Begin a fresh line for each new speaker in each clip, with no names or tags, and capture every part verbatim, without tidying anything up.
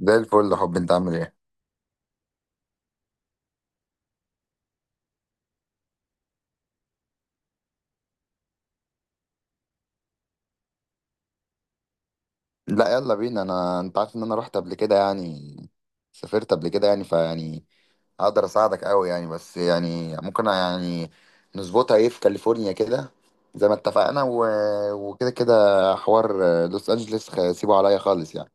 زي الفل يا حب، انت عامل ايه؟ لا يلا بينا انا. انت عارف ان انا رحت قبل كده يعني، سافرت قبل كده، يعني فيعني اقدر اساعدك قوي يعني، بس يعني ممكن يعني نظبطها ايه في كاليفورنيا كده، زي ما اتفقنا و... وكده كده حوار. لوس انجلوس خ- سيبه عليا خالص يعني.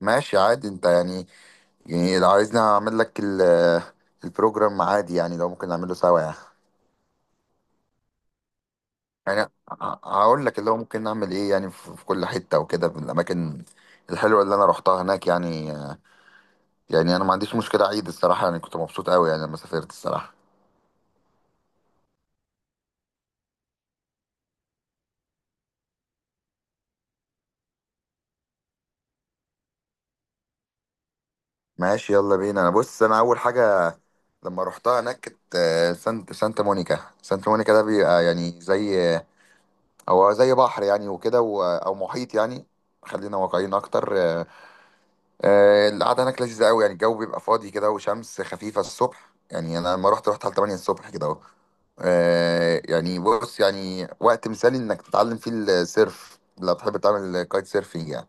ماشي عادي انت يعني. يعني لو عايزني اعمل لك ال... البروجرام عادي، يعني لو ممكن نعمله سوا يعني. يعني ه- هقول لك اللي هو ممكن نعمل ايه يعني، في في كل حته وكده، في الاماكن الحلوه اللي انا روحتها هناك يعني. يعني انا ما عنديش مشكله، عيد الصراحه، يعني كنت مبسوط قوي يعني لما سافرت الصراحه. ماشي يلا بينا انا. بص، انا اول حاجه لما روحتها هناك كانت آه، سانت سانتا مونيكا سانتا مونيكا. ده بيبقى يعني زي، هو زي بحر يعني، وكده و- او محيط يعني. خلينا واقعيين اكتر. آه، آه، القعده هناك لذيذه قوي يعني، الجو بيبقى فاضي كده وشمس خفيفه الصبح. يعني انا لما رحت، رحت على تمانية الصبح كده اهو. آه يعني بص، يعني وقت مثالي انك تتعلم فيه السيرف، لو بتحب تعمل كايت سيرفينج يعني.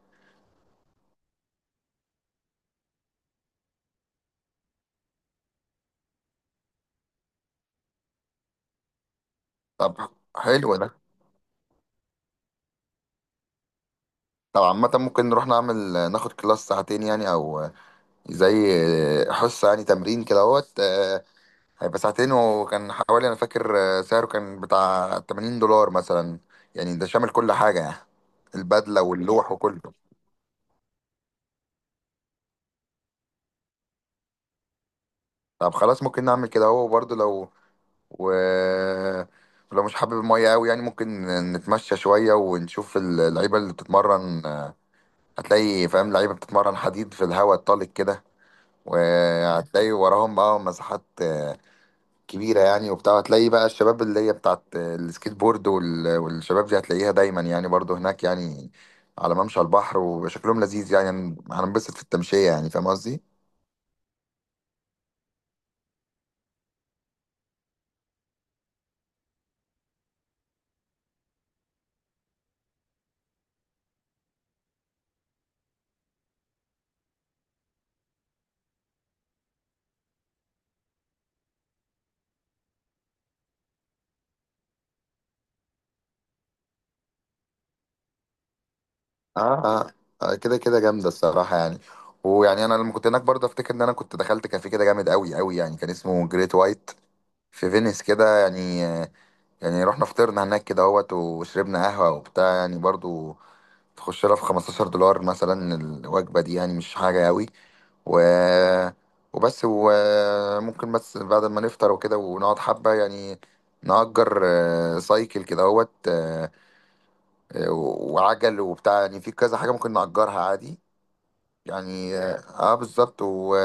طب حلو ده. طب عامة ممكن نروح نعمل، ناخد كلاس ساعتين يعني، او زي حصة يعني تمرين كدهوت. آه هيبقى ساعتين، وكان حوالي، انا فاكر آه، سعره كان بتاع تمانين دولار مثلا. يعني ده شامل كل حاجة يعني، البدلة واللوح وكله. طب خلاص ممكن نعمل كده. هو برضه لو و... ولو مش حابب المية قوي يعني، ممكن نتمشى شوية ونشوف اللعيبة اللي بتتمرن. آه، هتلاقي، فاهم، اللعيبة بتتمرن حديد في الهواء الطلق كده، وهتلاقي وراهم بقى مساحات آه، كبيرة يعني وبتاع. هتلاقي بقى الشباب اللي هي بتاعت السكيت بورد وال... والشباب دي هتلاقيها دايما يعني برضو هناك يعني، على ممشى البحر، وشكلهم لذيذ يعني. هننبسط في التمشية يعني، فاهم قصدي؟ اه اه. آه، كده كده جامده الصراحه يعني. ويعني انا لما كنت هناك برضه، افتكر ان انا كنت دخلت كافيه كده جامد قوي قوي يعني، كان اسمه جريت وايت في فينيس كده يعني. آه، يعني رحنا فطرنا هناك كده اهوت، وشربنا قهوه وبتاع يعني. برضه تخش لها في خمستاشر دولار مثلا الوجبه دي، يعني مش حاجه قوي. و وبس. وممكن بس بعد ما نفطر وكده، ونقعد حبه يعني، نأجر آه، سايكل كده اهوت. آه، آه، وعجل وبتاع يعني. في كذا حاجه ممكن نأجرها عادي يعني. اه آه، بالظبط. و...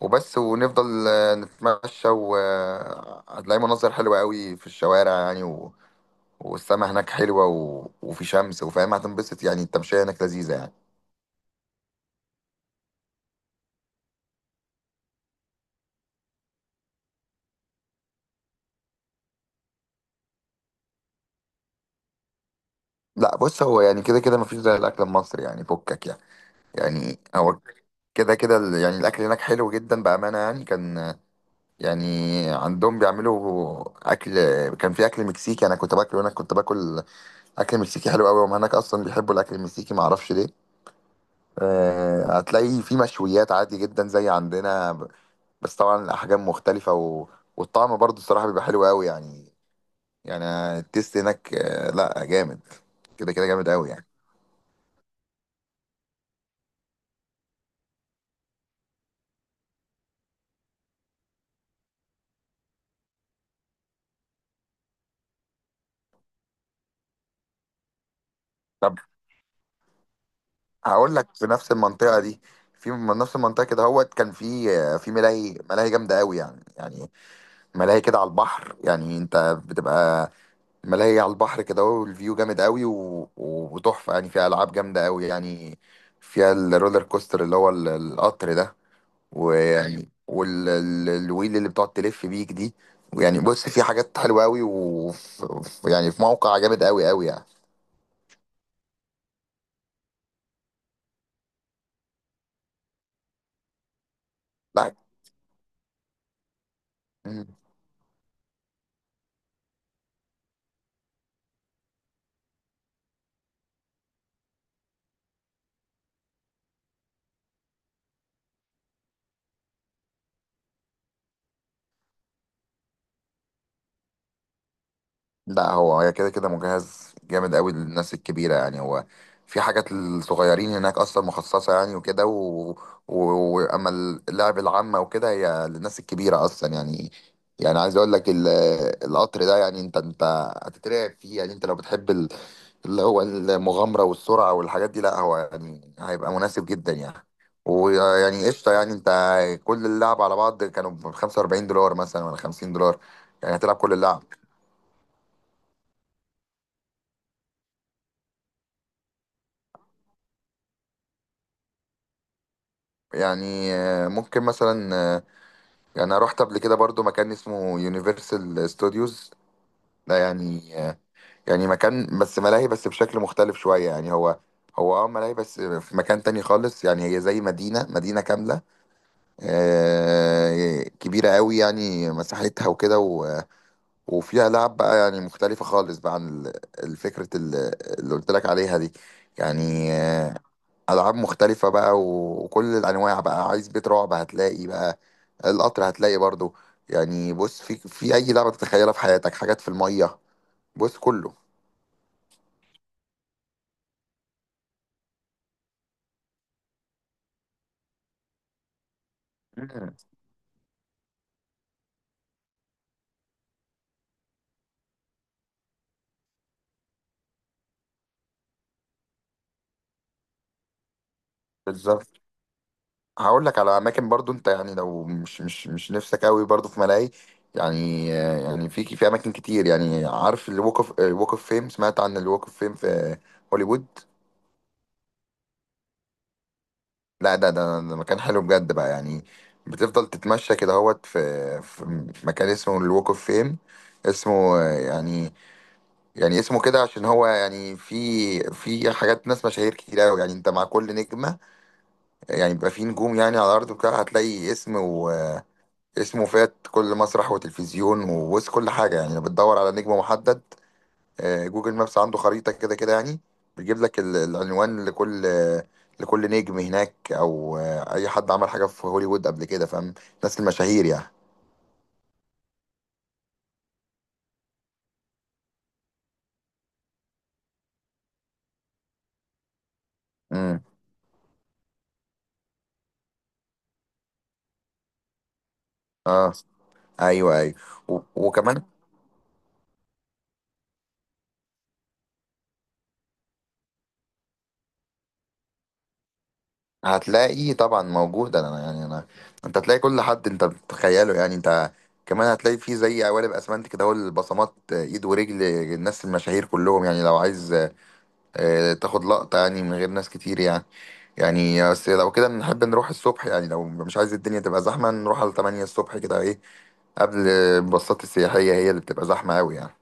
وبس ونفضل آه، نتمشى، وهتلاقي مناظر حلوة قوي في الشوارع يعني. و... والسما هناك حلوة، و... وفي شمس، وفاهم، هتنبسط يعني. التمشية هناك لذيذة يعني. لا بص، هو يعني كده كده مفيش زي الأكل المصري يعني، فكك يعني. يعني هو كده كده ال- يعني الأكل هناك حلو جدا بأمانة يعني. كان آه، يعني عندهم بيعملوا أكل، كان في أكل مكسيكي. أنا كنت باكله هناك، كنت باكل أكل مكسيكي حلو قوي. وهم هناك أصلا بيحبوا الأكل المكسيكي معرفش ليه. آه، هتلاقي في مشويات عادي جدا زي عندنا ب- بس طبعا الأحجام مختلفة، و... والطعم برضو الصراحة بيبقى حلو قوي يعني. يعني التيست هناك، آه، لا جامد، كده كده جامد قوي يعني. طب هقول لك في نفس المنطقة دي، في من نفس المنطقة كده هوت. كان في آه، في ملاهي ملاهي جامدة قوي يعني، يعني ملاهي كده على البحر يعني. انت بتبقى ملاهي على البحر كده، والفيو جامد قوي و... وتحفة يعني، فيها ألعاب جامدة قوي يعني. فيها الرولر كوستر اللي هو ال- القطر ده. ويعني والويل اللي بتقعد تلف بيك دي. ويعني بص، في حاجات حلوه قوي، ويعني في موقع جامد قوي قوي يعني. لا، لا هو هي كده كده مجهز جامد قوي للناس الكبيرة يعني. هو في حاجات للصغيرين هناك أصلا مخصصة يعني، وكده و... و... وأما اللعب العامة وكده، هي للناس الكبيرة أصلا يعني. يعني عايز أقول لك ال... القطر ده، يعني أنت، أنت هتترعب فيه يعني. أنت لو بتحب ال... اللي هو المغامرة والسرعة والحاجات دي، لا هو يعني هيبقى مناسب جدا يعني، ويعني قشطة يعني أنت. كل اللعب على بعض كانوا ب خمسة وأربعين دولار مثلا ولا خمسين دولار، يعني هتلعب كل اللعب. يعني آه، ممكن مثلا، آه، يعني انا رحت قبل كده برضو مكان اسمه يونيفرسال ستوديوز. ده يعني آه، يعني مكان بس ملاهي، بس بشكل مختلف شوية يعني. هو، هو اه ملاهي بس في مكان تاني خالص يعني. هي زي مدينة مدينة كاملة، آه، كبيرة قوي يعني مساحتها وكده و- وفيها لعب بقى يعني مختلفة خالص بقى، عن ال- الفكرة ال- اللي قلت لك عليها دي يعني. العاب مختلفه بقى، و- وكل الانواع بقى. عايز بيت رعب هتلاقي بقى، القطر هتلاقي برضو. يعني بص، في في اي لعبه تتخيلها في حياتك، حاجات في الميه. بص كله. مم. بالظبط. هقول لك على اماكن برضو. انت يعني لو مش مش مش نفسك قوي برضو في ملاهي، يعني يعني في في اماكن كتير يعني. عارف الوك اوف، الوك اوف فيم سمعت عن الوك اوف فيم في هوليوود؟ لا، ده ده ده مكان حلو بجد بقى يعني. بتفضل تتمشى كده اهوت في، في مكان اسمه الوك اوف فيم. اسمه يعني، يعني اسمه كده عشان هو يعني في، في حاجات ناس مشاهير كتير قوي يعني. انت مع كل نجمة يعني، بيبقى في نجوم يعني على الارض، وكده هتلاقي اسم، واسمه فات كل مسرح وتلفزيون ووسط كل حاجة يعني. لو بتدور على نجم محدد، آه، جوجل مابس عنده خريطة كده كده يعني، بيجيب لك ال- العنوان لكل لكل نجم هناك، او آه، اي حد عمل حاجة في هوليوود قبل كده، فاهم، الناس المشاهير يعني. امم، اه ايوه ايوه. و- وكمان هتلاقي طبعا موجود. انا يعني، انا انت هتلاقي كل حد انت بتتخيله يعني. انت كمان هتلاقي فيه زي قوالب اسمنت كده اهو، البصمات، آه، ايد ورجل الناس المشاهير كلهم يعني. لو عايز آه، تاخد لقطة يعني من غير ناس كتير يعني، يعني بس لو كده نحب نروح الصبح يعني. لو مش عايز الدنيا تبقى زحمة، نروح على تمانية الصبح كده ايه، قبل الباصات السياحية هي اللي بتبقى زحمة أوي يعني.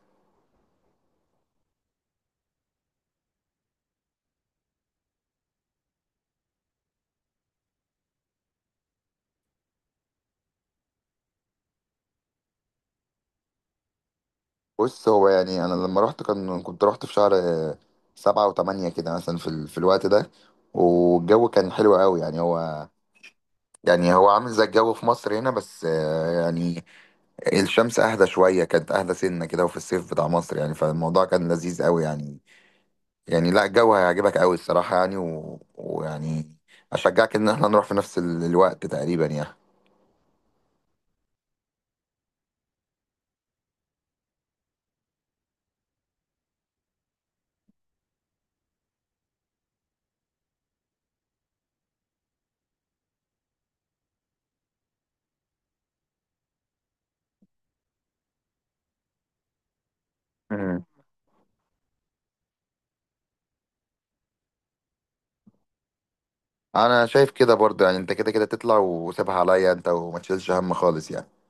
بص، هو يعني، أنا لما رحت كان، كنت رحت في شهر آه، سبعة وتمانية كده مثلا، في, ال... في الوقت ده. والجو كان حلو أوي يعني. هو، يعني هو عامل زي الجو في مصر هنا، بس آه، يعني الشمس أهدى شوية، كانت أهدى سنة كده، وفي الصيف بتاع مصر يعني. فالموضوع كان لذيذ أوي يعني، يعني لا الجو هيعجبك قوي الصراحة يعني. و... ويعني أشجعك إن احنا نروح في نفس ال- الوقت تقريبا يعني. مم. أنا شايف كده برضه يعني. أنت كده كده تطلع، وسيبها عليا أنت، وما تشيلش هم خالص يعني.